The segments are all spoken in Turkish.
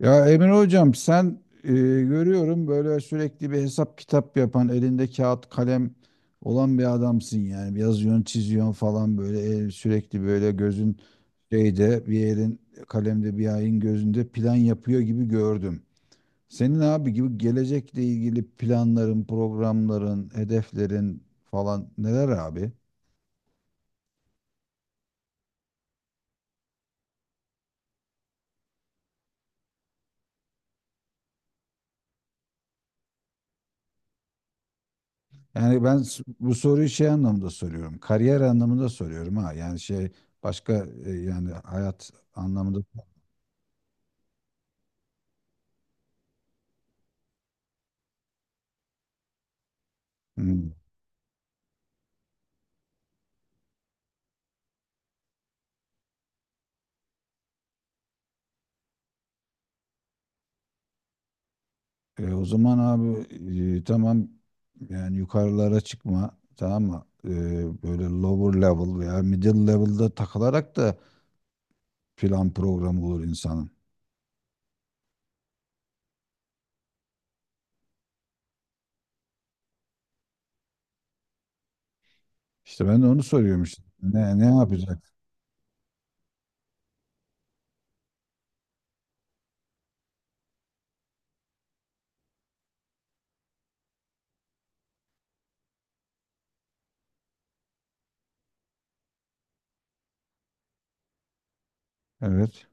Ya Emre Hocam sen görüyorum böyle sürekli bir hesap kitap yapan elinde kağıt kalem olan bir adamsın. Yani yazıyorsun çiziyorsun falan böyle sürekli böyle gözün şeyde, bir elin kalemde, bir ayın gözünde plan yapıyor gibi gördüm. Senin abi gibi gelecekle ilgili planların, programların, hedeflerin falan neler abi? Yani ben bu soruyu şey anlamında soruyorum. Kariyer anlamında soruyorum ha. Yani şey, başka, yani hayat anlamında. Hmm. O zaman abi, tamam, yani yukarılara çıkma, tamam mı? Böyle lower level veya middle level'da takılarak da plan programı olur insanın. İşte ben de onu soruyorum işte. Ne, ne yapacak? Evet.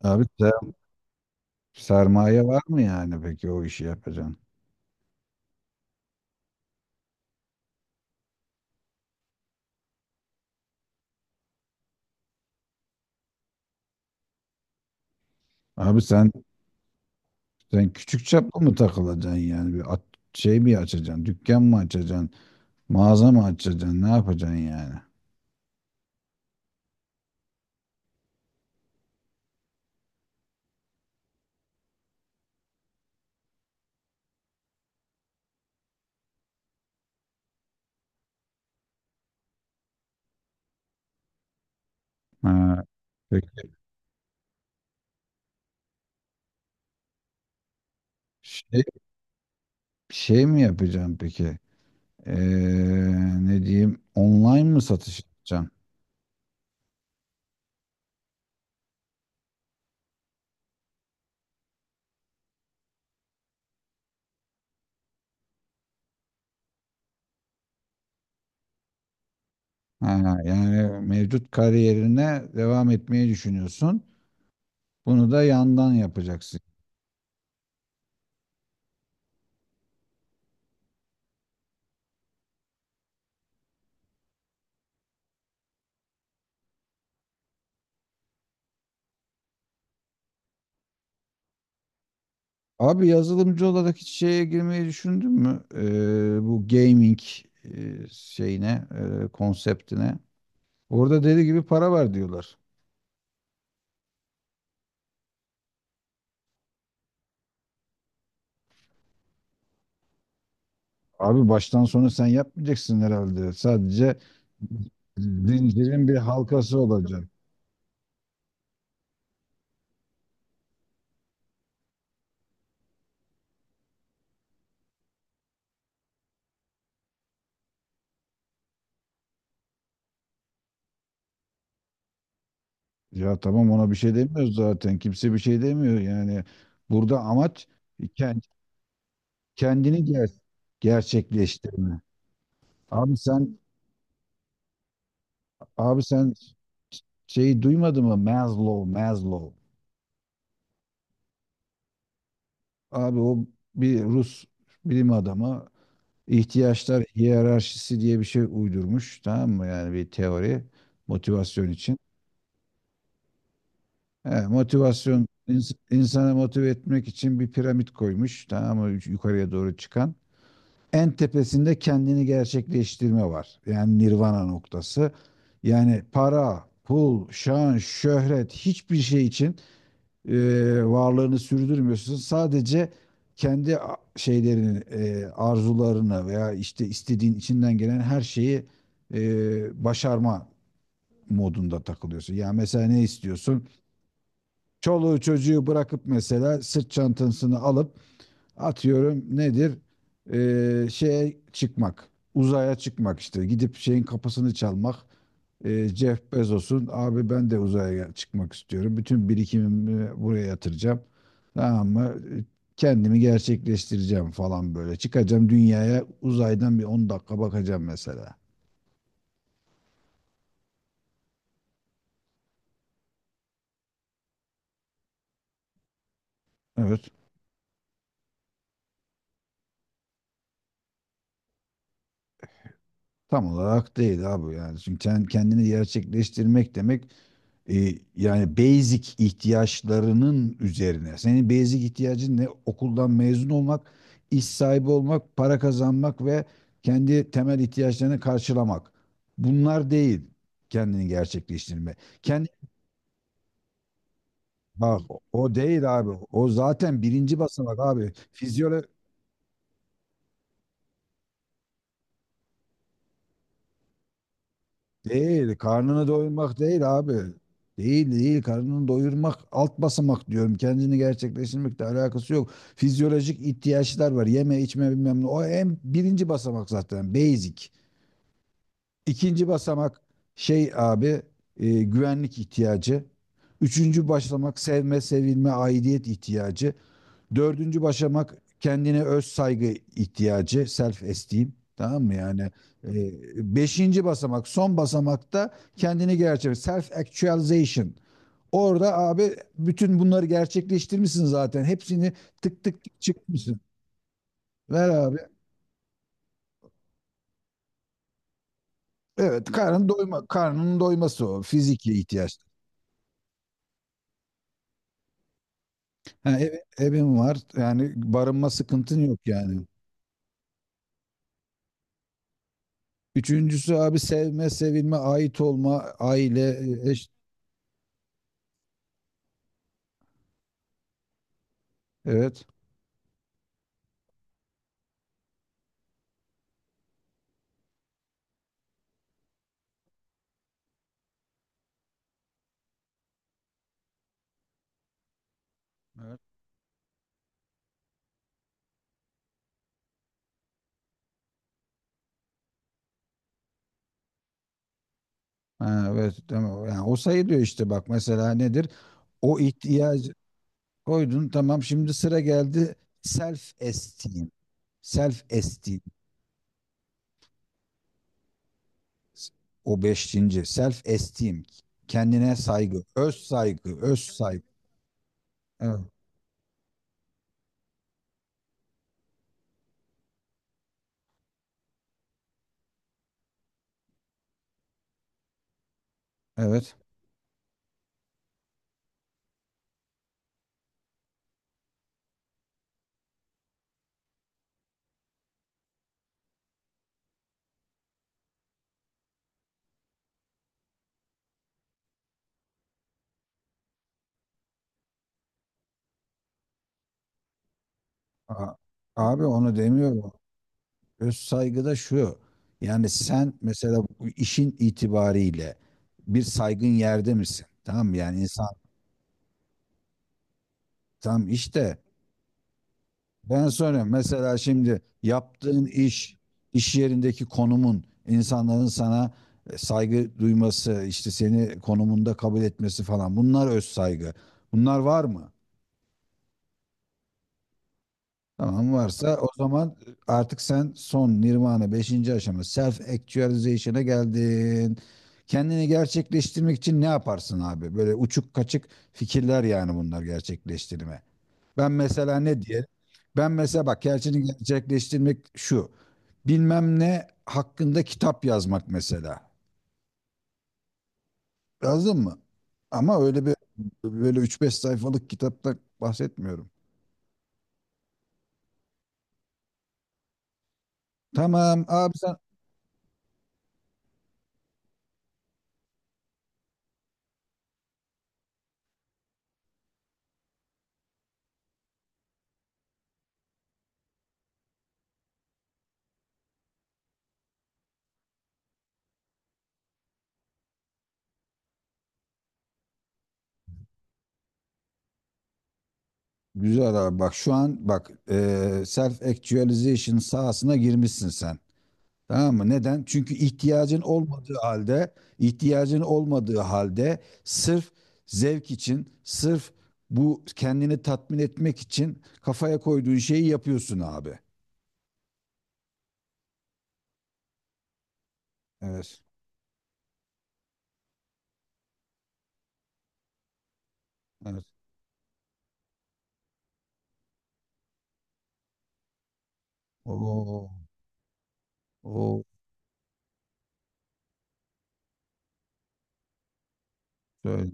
Abi sermaye var mı yani, peki o işi yapacaksın? Abi sen, sen küçük çaplı mı takılacaksın yani? Şey mi açacaksın? Dükkan mı açacaksın? Mağaza mı açacaksın? Ne yapacaksın yani? Ha, peki. Şey, şey mi yapacaksın peki? Ne diyeyim? Online mı satış yapacaksın? Ha, yani mevcut kariyerine devam etmeyi düşünüyorsun. Bunu da yandan yapacaksın. Abi yazılımcı olarak hiç şeye girmeyi düşündün mü? Bu gaming, şeyine, konseptine. Orada deli gibi para var diyorlar. Abi baştan sona sen yapmayacaksın herhalde. Sadece zincirin bir halkası olacak. Ya tamam, ona bir şey demiyoruz zaten. Kimse bir şey demiyor. Yani burada amaç ken- kendini gerçekleştirme. Abi sen, abi sen şeyi duymadın mı? Maslow, Maslow. Abi o bir Rus bilim adamı, ihtiyaçlar hiyerarşisi diye bir şey uydurmuş. Tamam mı? Yani bir teori motivasyon için. He, motivasyon insanı motive etmek için bir piramit koymuş, tamam mı? Yukarıya doğru çıkan. En tepesinde kendini gerçekleştirme var. Yani nirvana noktası. Yani para, pul, şan, şöhret hiçbir şey için e, varlığını sürdürmüyorsun. Sadece şeylerini, arzularını veya işte istediğin, içinden gelen her şeyi başarma modunda takılıyorsun. Ya mesela ne istiyorsun? Çoluğu çocuğu bırakıp mesela sırt çantasını alıp, atıyorum nedir, şeye çıkmak, uzaya çıkmak, işte gidip şeyin kapısını çalmak, Jeff Bezos'un. Abi ben de uzaya çıkmak istiyorum, bütün birikimimi buraya yatıracağım, tamam mı? Kendimi gerçekleştireceğim falan, böyle çıkacağım, dünyaya uzaydan bir 10 dakika bakacağım mesela. Evet, tam olarak değil abi. Yani çünkü sen, kendini gerçekleştirmek demek, E, yani basic ihtiyaçlarının üzerine. Senin basic ihtiyacın ne? Okuldan mezun olmak, iş sahibi olmak, para kazanmak ve kendi temel ihtiyaçlarını karşılamak. Bunlar değil kendini gerçekleştirme. Kendi, bak o o değil abi. O zaten birinci basamak abi. Değil, karnını doyurmak değil abi. Değil değil, karnını doyurmak, alt basamak diyorum. Kendini gerçekleştirmekle alakası yok. Fizyolojik ihtiyaçlar var. Yeme, içme, bilmem ne. O en birinci basamak zaten, basic. İkinci basamak şey abi, güvenlik ihtiyacı. Üçüncü basamak sevme, sevilme, aidiyet ihtiyacı. Dördüncü başamak kendine öz saygı ihtiyacı, self esteem. Tamam mı yani? Beşinci basamak, son basamakta kendini gerçek, self actualization. Orada abi bütün bunları gerçekleştirmişsin zaten. Hepsini tık tık tık çıkmışsın. Ver abi. Evet, karnın doyma, karnının doyması o. Fiziki ihtiyaç. Ha, evin var. Yani barınma sıkıntın yok yani. Üçüncüsü abi sevme, sevilme, ait olma, aile, eş. Evet. Evet. Ha, evet tamam. Yani o sayılıyor işte, bak mesela nedir? O ihtiyacı koydun, tamam, şimdi sıra geldi self esteem. Self esteem. O beşinci, self esteem. Kendine saygı, öz saygı, öz saygı. Evet. Evet. A- Abi onu demiyorum. Öz saygı da şu. Yani sen mesela bu işin itibariyle bir saygın yerde misin? Tamam mı? Yani insan, tam işte, ben soruyorum. Mesela şimdi yaptığın iş, iş yerindeki konumun, insanların sana saygı duyması, işte seni konumunda kabul etmesi falan. Bunlar öz saygı. Bunlar var mı? Tamam, varsa o zaman artık sen son nirvana, beşinci aşama, self actualization'a geldin. Kendini gerçekleştirmek için ne yaparsın abi? Böyle uçuk kaçık fikirler yani, bunlar gerçekleştirme. Ben mesela ne diyelim? Ben mesela bak, gerçeğini gerçekleştirmek şu. Bilmem ne hakkında kitap yazmak mesela. Yazdın mı? Ama öyle bir, böyle üç beş sayfalık kitapta bahsetmiyorum. Tamam abi sen, güzel abi, bak şu an bak, self actualization sahasına girmişsin sen. Tamam mı? Neden? Çünkü ihtiyacın olmadığı halde, ihtiyacın olmadığı halde sırf zevk için, sırf bu kendini tatmin etmek için kafaya koyduğun şeyi yapıyorsun abi. Evet. Evet. Oo. Oo. Şöyle.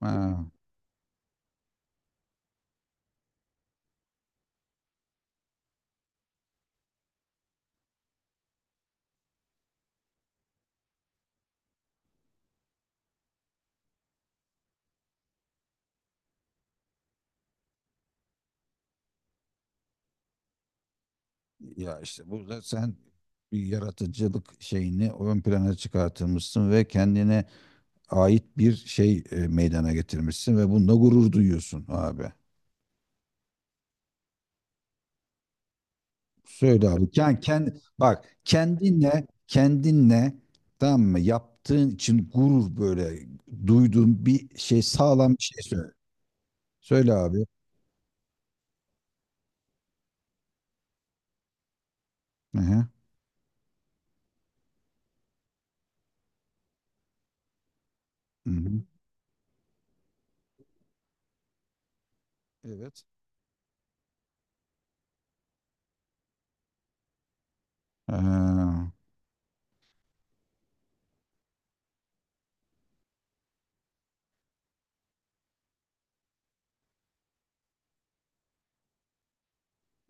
Ha. Ya işte burada sen bir yaratıcılık şeyini ön plana çıkartılmışsın ve kendine ait bir şey meydana getirmişsin ve bununla gurur duyuyorsun abi. Söyle abi. Yani kendi, bak kendinle, tamam mı? Yaptığın için gurur, böyle duyduğun bir şey, sağlam bir şey söyle. Söyle abi. Hı hı. Hı hı. Evet. Ee,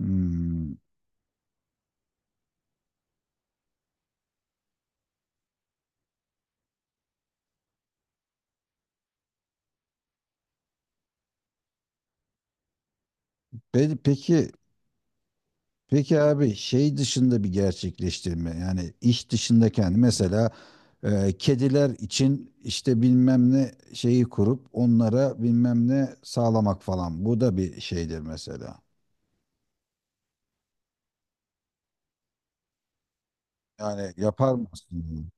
hmm. Peki, peki abi, şey dışında bir gerçekleştirme, yani iş dışında, kendi mesela kediler için işte bilmem ne şeyi kurup onlara bilmem ne sağlamak falan, bu da bir şeydir mesela. Yani yapar mısın?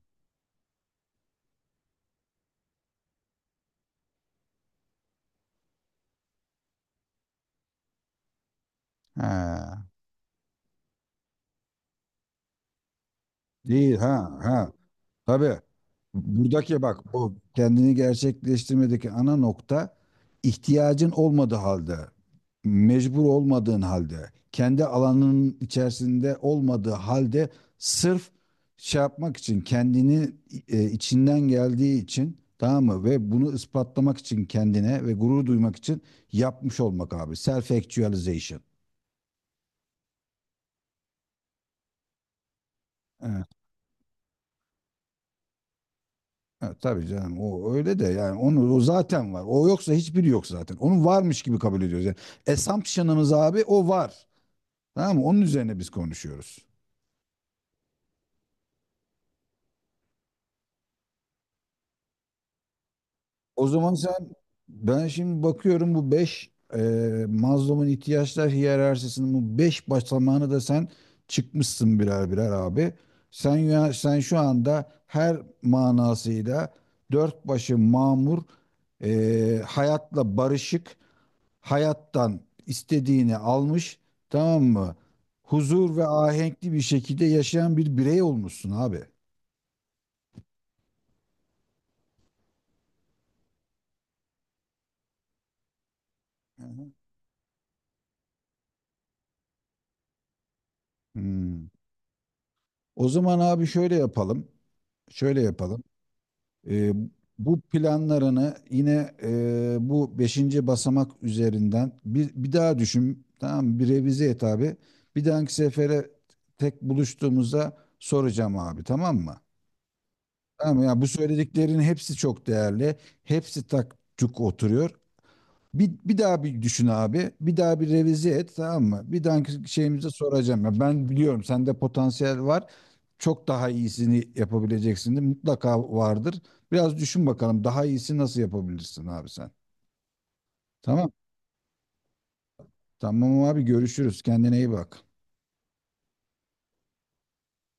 Ha. Değil ha ha. Tabii. Buradaki bak, bu kendini gerçekleştirmedeki ana nokta, ihtiyacın olmadığı halde, mecbur olmadığın halde, kendi alanının içerisinde olmadığı halde sırf şey yapmak için, kendini içinden geldiği için, tamam mı, ve bunu ispatlamak için kendine ve gurur duymak için yapmış olmak abi. Self actualization. Ha, tabii canım, o öyle de, yani onu, o zaten var. O yoksa hiçbiri yok zaten. Onu varmış gibi kabul ediyoruz. Yani assumption'ımız abi, o var. Tamam mı? Onun üzerine biz konuşuyoruz. O zaman sen, ben şimdi bakıyorum, bu beş Maslow'un ihtiyaçlar hiyerarşisinin bu 5 basamağını da sen çıkmışsın birer birer abi. Sen ya, sen şu anda her manasıyla dört başı mamur, hayatla barışık, hayattan istediğini almış, tamam mı? Huzur ve ahenkli bir şekilde yaşayan bir birey olmuşsun abi. Hı hı. Hmm. O zaman abi şöyle yapalım. Şöyle yapalım. Ee, Bu planlarını yine bu beşinci basamak üzerinden bir, bir daha düşün. Tamam mı? Bir revize et abi. Bir dahaki sefere tek buluştuğumuzda soracağım abi, tamam mı? Tamam ya, bu söylediklerin hepsi çok değerli. Hepsi tak tuk oturuyor. Bir, bir daha bir düşün abi. Bir daha bir revize et, tamam mı? Bir dahaki şeyimize soracağım. Ya ben biliyorum, sende potansiyel var. Çok daha iyisini yapabileceksin de mutlaka vardır. Biraz düşün bakalım, daha iyisi nasıl yapabilirsin abi sen. Tamam. Tamam abi, görüşürüz. Kendine iyi bak.